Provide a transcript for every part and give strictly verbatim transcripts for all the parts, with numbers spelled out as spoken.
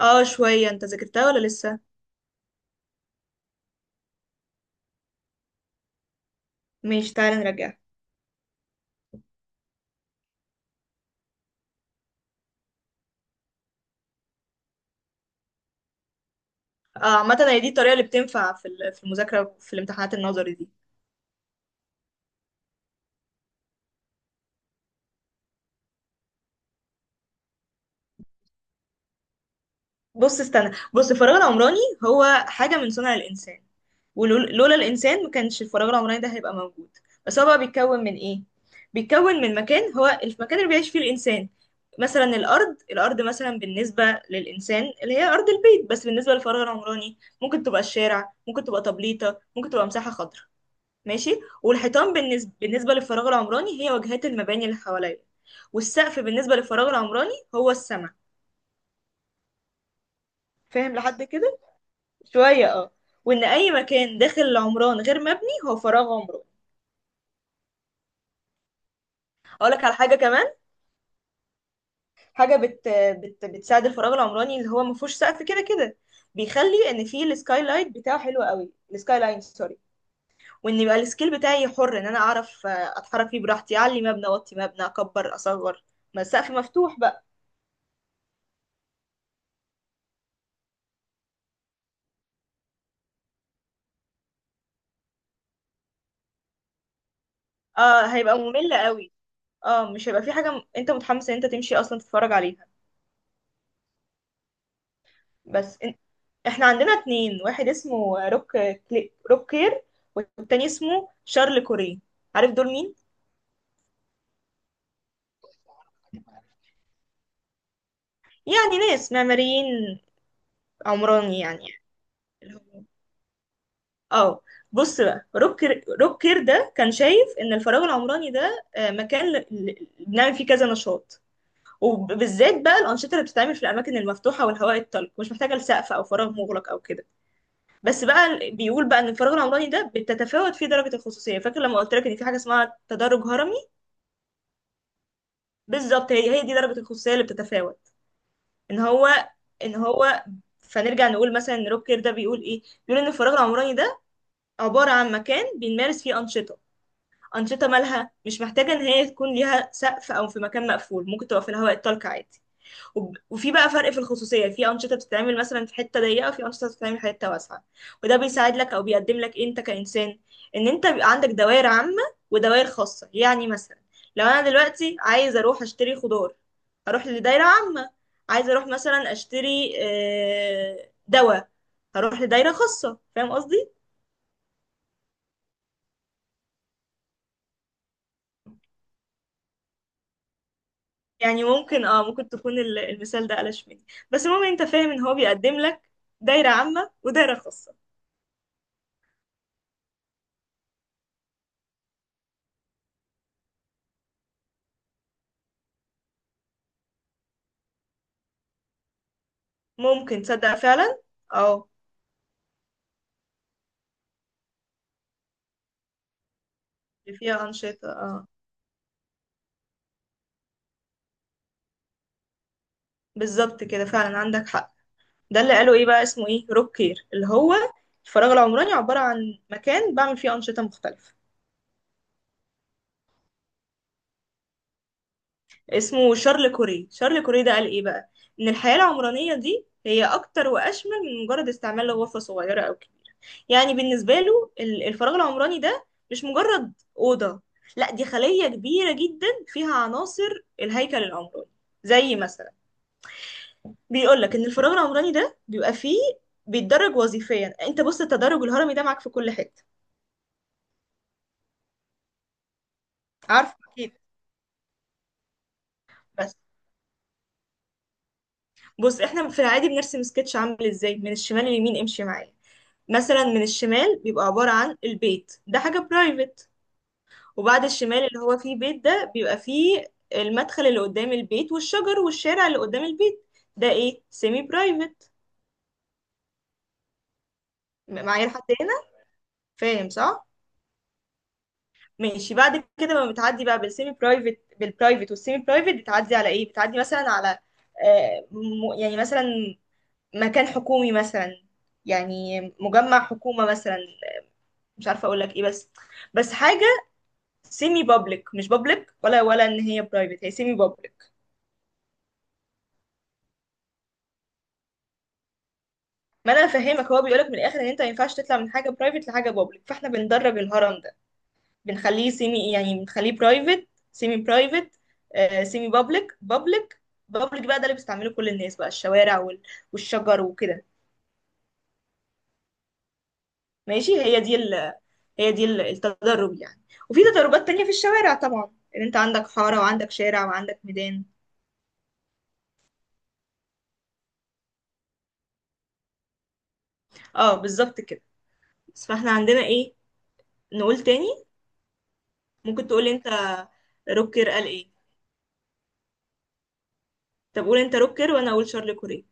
اه، شوية. انت ذاكرتها ولا لسه؟ ماشي، تعالى نرجعها. اه، عامة هي دي الطريقة اللي بتنفع في ال- في المذاكرة وفي الامتحانات النظري دي. بص استنى، بص الفراغ العمراني هو حاجة من صنع الإنسان، ولولا الإنسان ما كانش الفراغ العمراني ده هيبقى موجود. بس هو بقى بيتكون من إيه؟ بيتكون من مكان، هو المكان اللي بيعيش فيه الإنسان. مثلا الأرض، الأرض مثلا بالنسبة للإنسان اللي هي أرض البيت، بس بالنسبة للفراغ العمراني ممكن تبقى الشارع، ممكن تبقى طبليطة، ممكن تبقى مساحة خضراء. ماشي، والحيطان بالنسبة, بالنسبة للفراغ العمراني هي واجهات المباني اللي حواليا، والسقف بالنسبة للفراغ العمراني هو السما. فاهم لحد كده؟ شوية اه. وان اي مكان داخل العمران غير مبني هو فراغ عمراني. اقول لك على حاجة كمان. حاجة بت... بت... بتساعد الفراغ العمراني اللي هو ما فيهوش سقف كده كده، بيخلي ان فيه السكاي لايت بتاعه حلو قوي، السكاي لاين سوري. وان يبقى السكيل بتاعي حر، ان انا اعرف آه، اتحرك فيه براحتي، اعلي مبنى، اوطي مبنى، اكبر، اصغر، ما السقف مفتوح بقى. اه هيبقى ممل قوي. اه، مش هيبقى في حاجة م- انت متحمس ان انت تمشي اصلا تتفرج عليها. بس إن... احنا عندنا اتنين، واحد اسمه روك كلي... روك كير، والتاني اسمه شارل كوري. عارف دول مين؟ يعني ناس معماريين، عمراني يعني. اللي هو- اه، بص بقى روك كير... روك كير ده كان شايف ان الفراغ العمراني ده آه، مكان ل... ل- بنعمل فيه كذا نشاط، وبالذات بقى الأنشطة اللي بتتعمل في الأماكن المفتوحة والهواء الطلق مش محتاجة لسقف أو فراغ مغلق أو كده. بس بقى ال- بيقول بقى ان الفراغ العمراني ده بتتفاوت فيه درجه الخصوصيه. فاكر لما قلت لك ان في حاجه اسمها تدرج هرمي؟ بالظبط، هي هي دي درجه الخصوصيه اللي بتتفاوت. ان هو، ان هو، فنرجع نقول مثلا ان روب كير ده بيقول ايه. بيقول ان الفراغ العمراني ده عباره عن مكان بنمارس فيه انشطه، انشطه مالها مش محتاجه ان هي تكون ليها سقف او في مكان مقفول، ممكن تبقى في الهواء الطلق عادي. وب- وفي بقى فرق في الخصوصية، في أنشطة بتتعمل مثلا في حتة ضيقة، وفي أنشطة بتتعمل في حتة واسعة. وده بيساعد لك أو بيقدم لك إيه أنت كإنسان؟ إن أنت بيبقى عندك دوائر عامة ودوائر خاصة. يعني مثلا لو أنا دلوقتي عايز أروح أشتري خضار، هروح لدايرة عامة. عايز أروح مثلا أشتري آه، دواء، هروح لدايرة خاصة. فاهم قصدي؟ يعني ممكن، اه ممكن تكون ال- المثال ده قلش مني، بس المهم انت فاهم ان هو بيقدم لك دايرة عامة ودايرة خاصة. ممكن تصدق فعلا. اه، اللي فيها أنشطة اه. بالظبط كده، فعلا عندك حق. ده اللي قالوا ايه بقى اسمه، ايه، روك كير. اللي هو الفراغ العمراني عبارة عن مكان بعمل فيه أنشطة مختلفة. اسمه شارل كوري. شارل كوري ده قال ايه بقى؟ ان الحياة العمرانية دي هي اكتر واشمل من مجرد استعمال لغرفة صغيرة او كبيرة. يعني بالنسبة له ال- الفراغ العمراني ده مش مجرد أوضة، لا دي خلية كبيرة جدا فيها عناصر الهيكل العمراني. زي مثلا، بيقول لك ان الفراغ العمراني ده بيبقى فيه، بيتدرج وظيفيا. انت بص التدرج الهرمي ده معاك في كل حته. عارف اكيد. بس بص احنا في العادي بنرسم سكتش عامل ازاي من الشمال لليمين، امشي معايا. مثلا من الشمال بيبقى عباره عن البيت، ده حاجه برايفت. وبعد الشمال اللي هو فيه بيت ده بيبقى فيه المدخل اللي قدام البيت والشجر والشارع اللي قدام البيت، ده ايه؟ سيمي برايفت. معايا لحد هنا؟ فاهم صح؟ ماشي، بعد كده لما بتعدي بقى بالسيمي برايفت، بالبرايفت والسيمي برايفت بتعدي على ايه؟ بتعدي مثلا على آه، م- يعني مثلا مكان حكومي مثلا، يعني مجمع حكومة مثلا، مش عارفة اقول لك ايه، بس بس حاجة سيمي بابليك، مش بابليك ولا ولا ان هي برايفت، هي سيمي بابليك. ما انا فاهمك، هو بيقولك من الاخر ان انت ما ينفعش تطلع من حاجة برايفت لحاجة بابليك، فاحنا بندرج الهرم ده، بنخليه سيمي، يعني بنخليه برايفت، سيمي برايفت، سيمي بابليك، بابليك. بابليك بقى ده اللي بيستعمله كل الناس بقى، الشوارع وال- والشجر وكده. ماشي، هي دي ال... هي دي ال- التدرب يعني. وفي تدربات تانية في الشوارع طبعا، ان انت عندك حارة وعندك شارع وعندك ميدان. اه بالظبط كده. بس فاحنا عندنا ايه؟ نقول تاني. ممكن تقول انت. روكر قال ايه؟ طب قول انت روكر، وانا اقول شارل كوريه.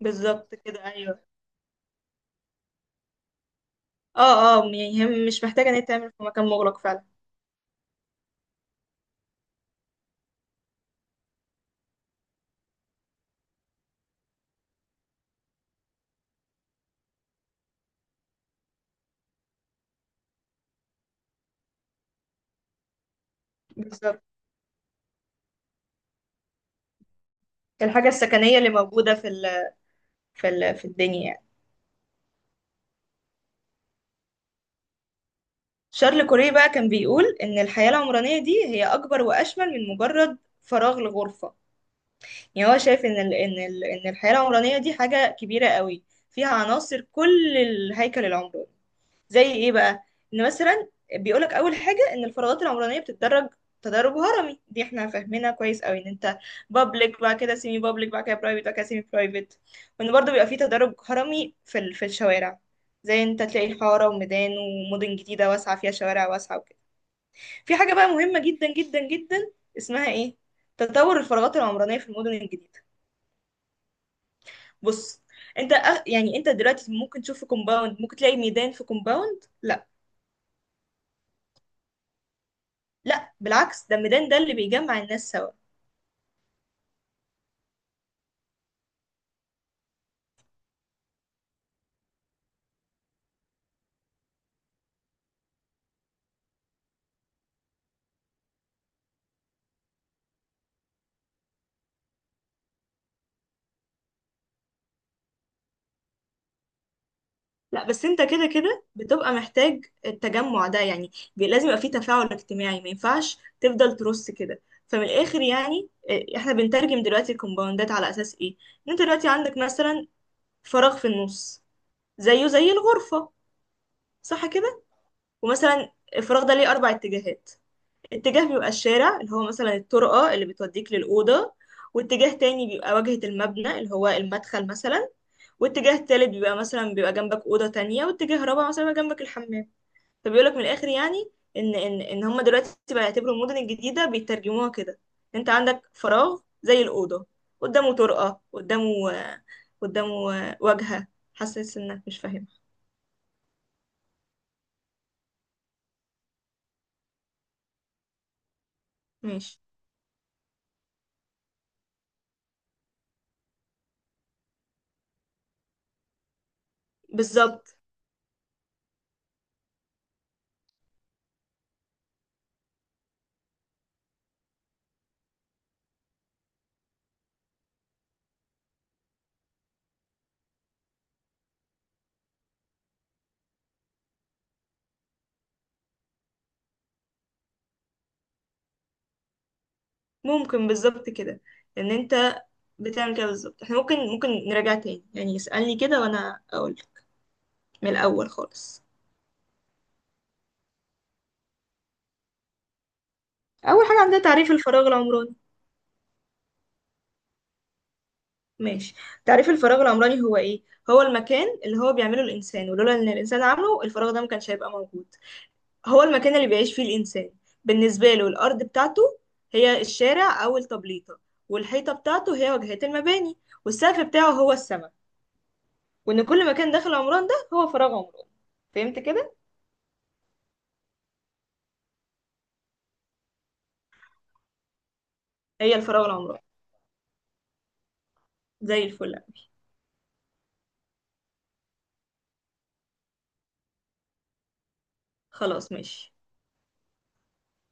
بالظبط كده، ايوه. اه اه، يعني هي مش محتاجة ان هي تعمل في مكان مغلق فعلا. بالظبط. الحاجة السكنية اللي موجودة في ال في ال في الدنيا يعني. شارل كوري بقى كان بيقول إن الحياة العمرانية دي هي أكبر وأشمل من مجرد فراغ لغرفة. يعني هو شايف إن ال إن ال إن الحياة العمرانية دي حاجة كبيرة قوي، فيها عناصر كل الهيكل العمراني. زي ايه بقى؟ ان مثلا، بيقولك اول حاجه ان الفراغات العمرانيه بتتدرج، تدرج هرمي. دي احنا فاهمينها كويس قوي، ان انت بابليك، بعد كده سيمي بابليك، بعد كده برايفت، بعد كده سيمي برايفت. وان برضه بيبقى فيه تدرج هرمي في ال- في الشوارع، زي انت تلاقي حاره وميدان، ومدن جديده واسعه فيها شوارع واسعه وكده. في حاجه بقى مهمه جدا جدا جدا، اسمها ايه؟ تطور الفراغات العمرانيه في المدن الجديده. بص، انت أغ- يعني انت دلوقتي ممكن تشوف في كومباوند ممكن تلاقي ميدان في كومباوند؟ لا. لا بالعكس، ده الميدان ده اللي بيجمع الناس سوا. لا بس انت كده كده بتبقى محتاج التجمع ده، يعني بي- لازم يبقى فيه تفاعل اجتماعي، ما ينفعش تفضل ترص كده. فمن الاخر يعني اه، احنا بنترجم دلوقتي الكومباوندات على اساس ايه. ان انت دلوقتي عندك مثلا فراغ في النص، زيه زي الغرفة، صح كده؟ ومثلا الفراغ ده ليه اربع اتجاهات، اتجاه بيبقى الشارع اللي هو مثلا الطرقة اللي بتوديك للأوضة، واتجاه تاني بيبقى واجهة المبنى اللي هو المدخل مثلا، واتجاه تالت بيبقى مثلا بيبقى جنبك أوضة تانية، واتجاه رابع مثلا بيبقى جنبك الحمام. فبيقولك من الآخر يعني، إن إن إن هما دلوقتي بقى يعتبروا المدن الجديدة بيترجموها كده. أنت عندك فراغ زي الأوضة، قدامه طرقة، قدامه، قدامه واجهة. حاسس إنك مش فاهم. ماشي. بالظبط. ممكن، بالظبط كده، ان انت بتعمل كده بالظبط. احنا ممكن، ممكن نراجع تاني، يعني اسألني كده وانا اقول، من الاول خالص. اول حاجة عندنا تعريف الفراغ العمراني. ماشي، تعريف الفراغ العمراني هو ايه؟ هو المكان اللي هو بيعمله الانسان، ولولا ان الانسان عامله الفراغ ده ما كانش هيبقى موجود. هو المكان اللي بيعيش فيه الانسان، بالنسبة له الارض بتاعته هي الشارع او التبليطة، والحيطة بتاعته هي واجهات المباني، والسقف بتاعه هو السماء. وان كل مكان داخل عمران ده هو فراغ عمراني. فهمت كده؟ هي الفراولة عمرها. زي الفل أوي. خلاص ماشي.